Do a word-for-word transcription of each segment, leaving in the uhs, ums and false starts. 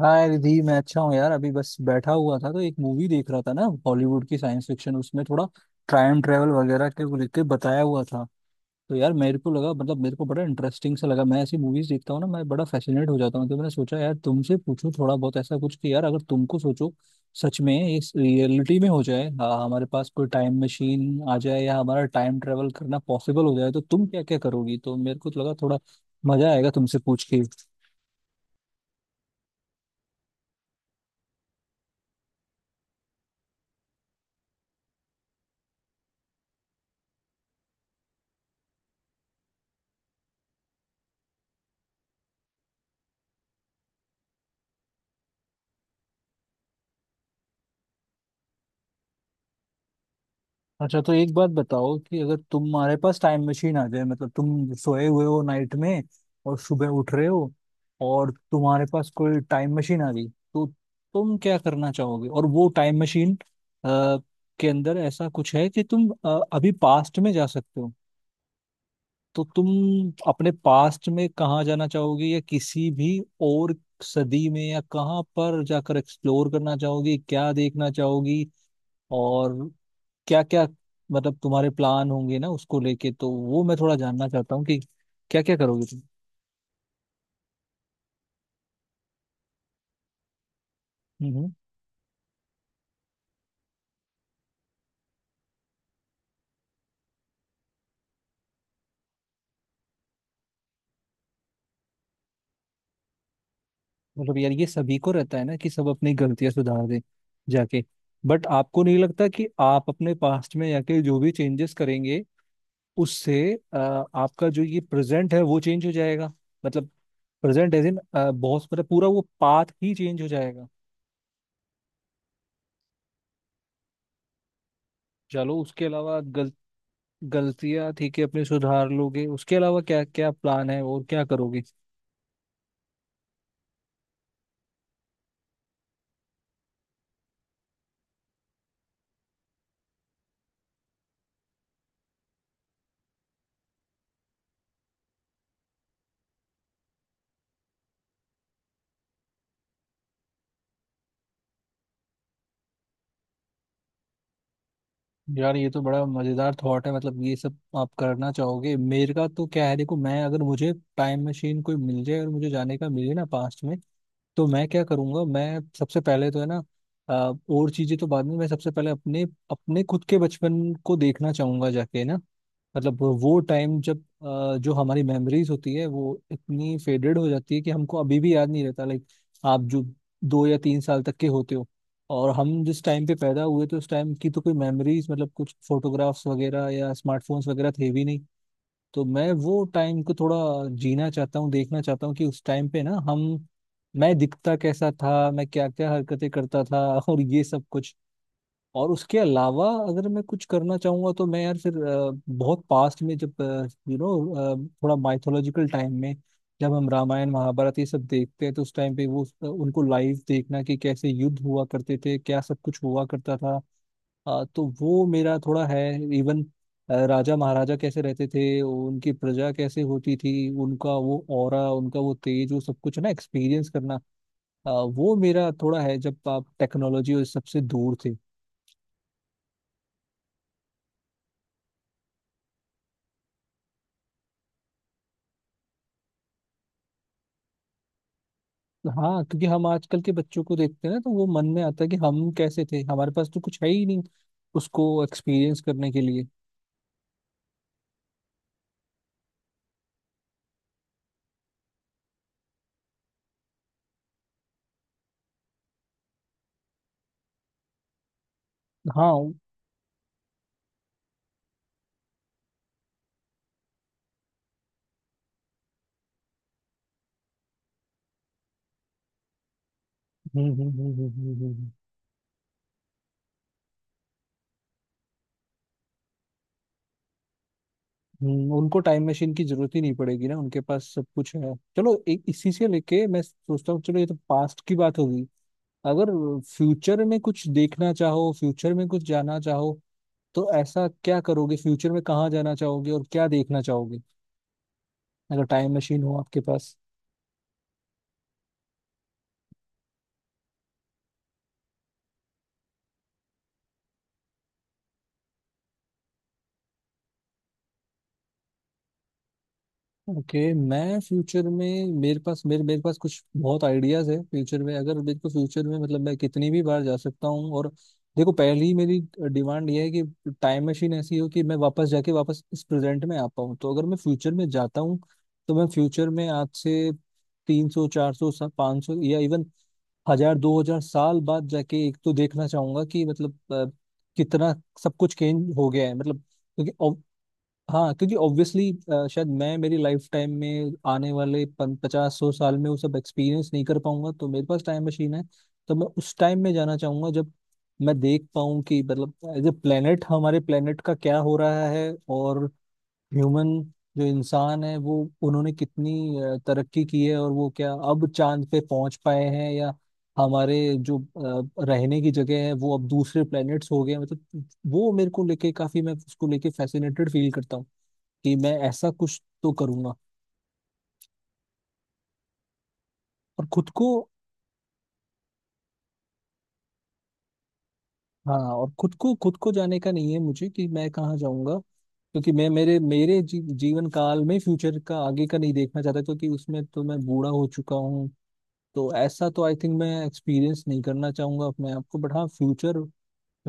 हाँ रिधि, मैं अच्छा हूँ यार। अभी बस बैठा हुआ था तो एक मूवी देख रहा था ना, हॉलीवुड की साइंस फिक्शन। उसमें थोड़ा टाइम ट्रेवल वगैरह के को लेके बताया हुआ था। तो यार मेरे को लगा, मतलब मेरे को बड़ा इंटरेस्टिंग सा लगा। मैं ऐसी मूवीज देखता हूँ ना, मैं बड़ा फैसिनेट हो जाता हूँ। तो मैंने सोचा यार तुमसे पूछूं थोड़ा बहुत, ऐसा कुछ कि यार अगर तुमको सोचो, सच में ये रियलिटी में हो जाए, हाँ हमारे पास कोई टाइम मशीन आ जाए या हमारा टाइम ट्रेवल करना पॉसिबल हो जाए, तो तुम क्या क्या करोगी। तो मेरे को तो लगा थोड़ा मजा आएगा तुमसे पूछ के। अच्छा तो एक बात बताओ, कि अगर तुम्हारे पास टाइम मशीन आ जाए, मतलब तुम सोए हुए हो नाइट में और सुबह उठ रहे हो, और तुम्हारे पास कोई टाइम मशीन आ गई, तो तुम क्या करना चाहोगे। और वो टाइम मशीन के अंदर ऐसा कुछ है कि तुम अ, अभी पास्ट में जा सकते हो, तो तुम अपने पास्ट में कहाँ जाना चाहोगे, या किसी भी और सदी में या कहाँ पर जाकर एक्सप्लोर करना चाहोगी, क्या देखना चाहोगी और क्या क्या, मतलब तुम्हारे प्लान होंगे ना उसको लेके, तो वो मैं थोड़ा जानना चाहता हूँ कि क्या क्या करोगे तुम। हम्म हम्म। मतलब यार ये सभी को रहता है ना कि सब अपनी गलतियां सुधार दें जाके। बट आपको नहीं लगता कि आप अपने पास्ट में जाके जो भी चेंजेस करेंगे, उससे अ, आपका जो ये प्रेजेंट है वो चेंज हो जाएगा। मतलब प्रेजेंट एज इन बहुत, मतलब पूरा वो पाथ ही चेंज हो जाएगा। चलो उसके अलावा, गलतियां ठीक है अपनी सुधार लोगे, उसके अलावा क्या क्या प्लान है और क्या करोगे। यार ये तो बड़ा मजेदार थॉट है, मतलब ये सब आप करना चाहोगे। मेरे का तो क्या है, देखो मैं, अगर मुझे टाइम मशीन कोई मिल जाए और मुझे जाने का मिले ना पास्ट में, तो मैं क्या करूंगा, मैं सबसे पहले तो है ना अ, और चीजें तो बाद में, मैं सबसे पहले अपने अपने खुद के बचपन को देखना चाहूंगा जाके ना। मतलब वो टाइम जब अ, जो हमारी मेमोरीज होती है वो इतनी फेडेड हो जाती है कि हमको अभी भी याद नहीं रहता, लाइक आप जो दो या तीन साल तक के होते हो। और हम जिस टाइम पे पैदा हुए, तो उस टाइम की तो कोई मेमोरीज, मतलब कुछ फोटोग्राफ्स वगैरह या स्मार्टफोन्स वगैरह थे भी नहीं। तो मैं वो टाइम को थोड़ा जीना चाहता हूँ, देखना चाहता हूँ कि उस टाइम पे ना हम, मैं दिखता कैसा था, मैं क्या क्या हरकतें करता था और ये सब कुछ। और उसके अलावा अगर मैं कुछ करना चाहूंगा तो मैं यार फिर अ, बहुत पास्ट में, जब यू नो थोड़ा माइथोलॉजिकल टाइम में, जब हम रामायण महाभारत ये सब देखते हैं, तो उस टाइम पे वो, उनको लाइव देखना कि कैसे युद्ध हुआ करते थे, क्या सब कुछ हुआ करता था। हाँ तो वो मेरा थोड़ा है, इवन राजा महाराजा कैसे रहते थे, उनकी प्रजा कैसे होती थी, उनका वो ऑरा, उनका वो तेज, वो सब कुछ ना एक्सपीरियंस करना। अ, वो मेरा थोड़ा है, जब आप टेक्नोलॉजी और सबसे दूर थे तो। हाँ, क्योंकि हम आजकल के बच्चों को देखते हैं ना, तो वो मन में आता है कि हम कैसे थे, हमारे पास तो कुछ है ही नहीं उसको एक्सपीरियंस करने के लिए। हाँ। हम्म हम्म हम्म हम्म हम्म हम्म। हम्म। हम्म, उनको टाइम मशीन की जरूरत ही नहीं पड़ेगी ना, उनके पास सब कुछ है। चलो एक इसी से लेके मैं सोचता हूँ, चलो ये तो पास्ट की बात होगी, अगर फ्यूचर में कुछ देखना चाहो, फ्यूचर में कुछ जाना चाहो, तो ऐसा क्या करोगे, फ्यूचर में कहाँ जाना चाहोगे और क्या देखना चाहोगे, अगर टाइम मशीन हो आपके पास। ओके, मैं फ्यूचर में, मेरे पास, मेरे मेरे पास कुछ बहुत आइडियाज है। फ्यूचर में अगर मेरे को, फ्यूचर में मतलब मैं कितनी भी बार जा सकता हूँ और, देखो पहली मेरी डिमांड ये है कि टाइम मशीन ऐसी हो कि मैं वापस जाके वापस इस प्रेजेंट में आ पाऊँ। तो अगर मैं फ्यूचर में जाता हूँ, तो मैं फ्यूचर में आज से तीन सौ, चार सौ, पाँच सौ, या इवन हजार, दो हजार साल बाद जाके एक तो देखना चाहूंगा कि मतलब अ, कितना सब कुछ चेंज हो गया है। मतलब क्योंकि, हाँ क्योंकि ऑब्वियसली शायद मैं, मेरी लाइफ टाइम में आने वाले पचास सौ साल में वो सब एक्सपीरियंस नहीं कर पाऊंगा, तो मेरे पास टाइम मशीन है तो मैं उस टाइम में जाना चाहूंगा जब मैं देख पाऊँ कि, मतलब एज ए प्लेनेट हमारे प्लेनेट का क्या हो रहा है। और ह्यूमन, जो इंसान है वो, उन्होंने कितनी अ, तरक्की की है, और वो क्या अब चांद पे पहुंच पाए हैं, या हमारे जो अ, रहने की जगह है वो अब दूसरे प्लेनेट्स हो गए हैं। मतलब वो मेरे को लेके काफी, मैं उसको लेके फैसिनेटेड फील करता हूँ कि मैं ऐसा कुछ तो करूंगा और खुद को। हाँ और खुद को, खुद को जाने का नहीं है मुझे कि मैं कहाँ जाऊंगा, क्योंकि मैं, मेरे मेरे जी, जीवन काल में फ्यूचर का आगे का नहीं देखना चाहता, क्योंकि उसमें तो मैं बूढ़ा हो चुका हूँ। तो ऐसा तो आई थिंक मैं एक्सपीरियंस नहीं करना चाहूंगा अपने आप को, बट हाँ future,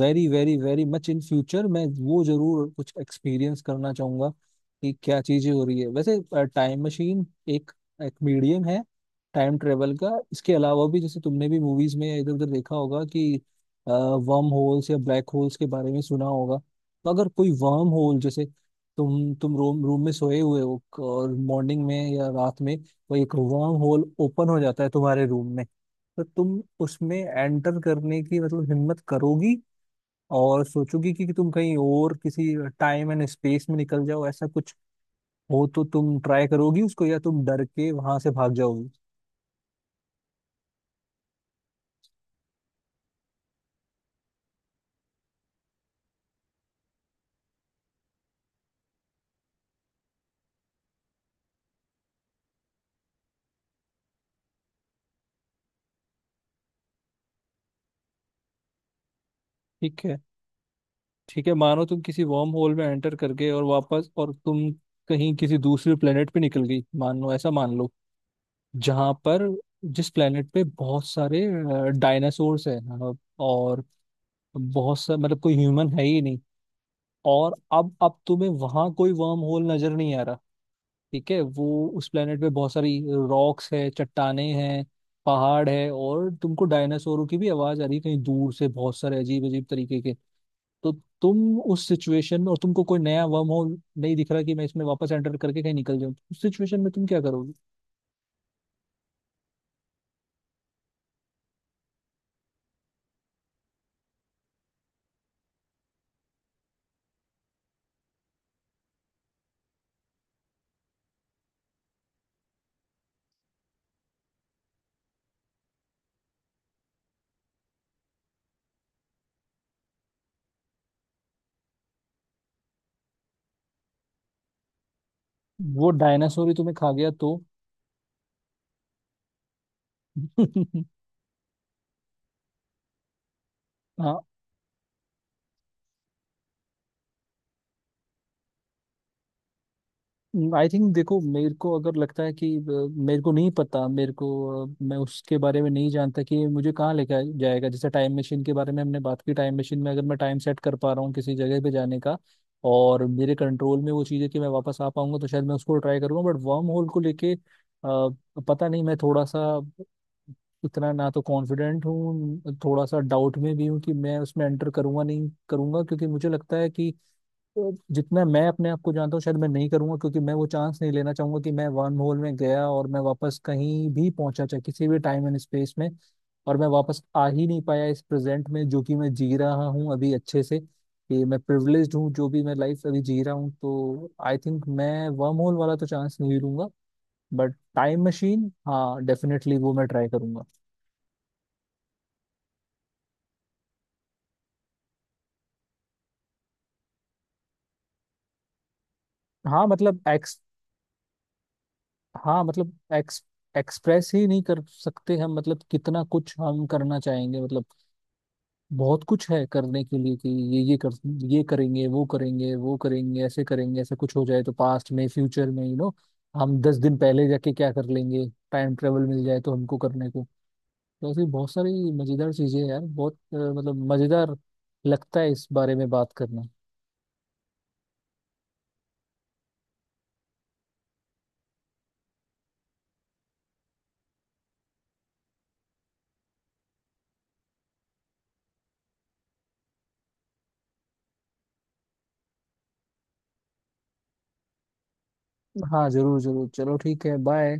very very very much in future मैं वो जरूर कुछ एक्सपीरियंस करना चाहूंगा कि क्या चीजें हो रही है। वैसे टाइम मशीन एक एक मीडियम है टाइम ट्रेवल का, इसके अलावा भी जैसे तुमने भी मूवीज में इधर उधर देखा होगा कि वर्म होल्स या ब्लैक होल्स के बारे में सुना होगा। तो अगर कोई वर्म होल, जैसे तुम तुम रूम रूम में सोए हुए हो और मॉर्निंग में या रात में कोई एक वर्म होल ओपन हो जाता है तुम्हारे रूम में, तो तुम उसमें एंटर करने की, मतलब हिम्मत करोगी, और सोचोगी कि, कि तुम कहीं और किसी टाइम एंड स्पेस में निकल जाओ, ऐसा कुछ हो तो तुम ट्राई करोगी उसको, या तुम डर के वहां से भाग जाओगी। ठीक है, ठीक है, मानो तुम किसी वर्म होल में एंटर कर गए और वापस, और तुम कहीं किसी दूसरे प्लेनेट पे निकल गई, मान लो, ऐसा मान लो जहां पर, जिस प्लेनेट पे बहुत सारे डायनासोर्स हैं, अ, और बहुत सा, मतलब कोई ह्यूमन है ही नहीं, और अब अब तुम्हें वहां कोई वर्म होल नजर नहीं आ रहा। ठीक है, वो, उस प्लेनेट पे बहुत सारी रॉक्स है, चट्टाने हैं, पहाड़ है, और तुमको डायनासोरों की भी आवाज आ रही है कहीं दूर से, बहुत सारे अजीब अजीब तरीके के। तो तुम उस सिचुएशन में, और तुमको कोई नया वर्म होल नहीं दिख रहा कि मैं इसमें वापस एंटर करके कहीं निकल जाऊं, उस सिचुएशन में तुम क्या करोगे। वो डायनासोर ही तुम्हें खा गया तो? हाँ, आई थिंक देखो, मेरे को अगर लगता है कि अ, मेरे को नहीं पता, मेरे को अ, मैं उसके बारे में नहीं जानता कि ये मुझे कहाँ लेके जाएगा। जैसे टाइम मशीन के बारे में हमने बात की, टाइम मशीन में अगर मैं टाइम सेट कर पा रहा हूँ किसी जगह पे जाने का, और मेरे कंट्रोल में वो चीज़ है कि मैं वापस आ पाऊंगा, तो शायद मैं उसको ट्राई करूंगा। बट वर्म होल को लेके अ, पता नहीं, मैं थोड़ा सा, इतना ना तो कॉन्फिडेंट हूँ, थोड़ा सा डाउट में भी हूँ कि मैं उसमें एंटर करूंगा नहीं करूंगा, क्योंकि मुझे लगता है कि, तो जितना मैं अपने आप को जानता हूँ, शायद मैं नहीं करूंगा, क्योंकि मैं वो चांस नहीं लेना चाहूंगा कि मैं वर्म होल में गया, और मैं वापस कहीं भी पहुंचा चाहे किसी भी टाइम एंड स्पेस में, और मैं वापस आ ही नहीं पाया इस प्रेजेंट में, जो कि मैं जी रहा हूँ अभी अच्छे से, कि मैं प्रिविलेज्ड हूँ जो भी मैं लाइफ अभी जी रहा हूँ। तो आई थिंक मैं वर्म होल वाला तो चांस नहीं लूंगा, बट टाइम मशीन हाँ डेफिनेटली वो मैं ट्राई करूंगा। हाँ मतलब एक्स हाँ मतलब एक्स एक्सप्रेस ही नहीं कर सकते हम, मतलब कितना कुछ हम करना चाहेंगे, मतलब बहुत कुछ है करने के लिए कि ये ये कर ये करेंगे, वो करेंगे, वो करेंगे, ऐसे करेंगे, ऐसा कुछ हो जाए तो पास्ट में फ्यूचर में, यू नो हम दस दिन पहले जाके क्या कर लेंगे, टाइम ट्रेवल मिल जाए तो हमको करने को। तो ऐसी बहुत सारी मजेदार चीजें हैं यार, बहुत अ, मतलब मजेदार लगता है इस बारे में बात करना। हाँ जरूर जरूर, चलो ठीक है, बाय।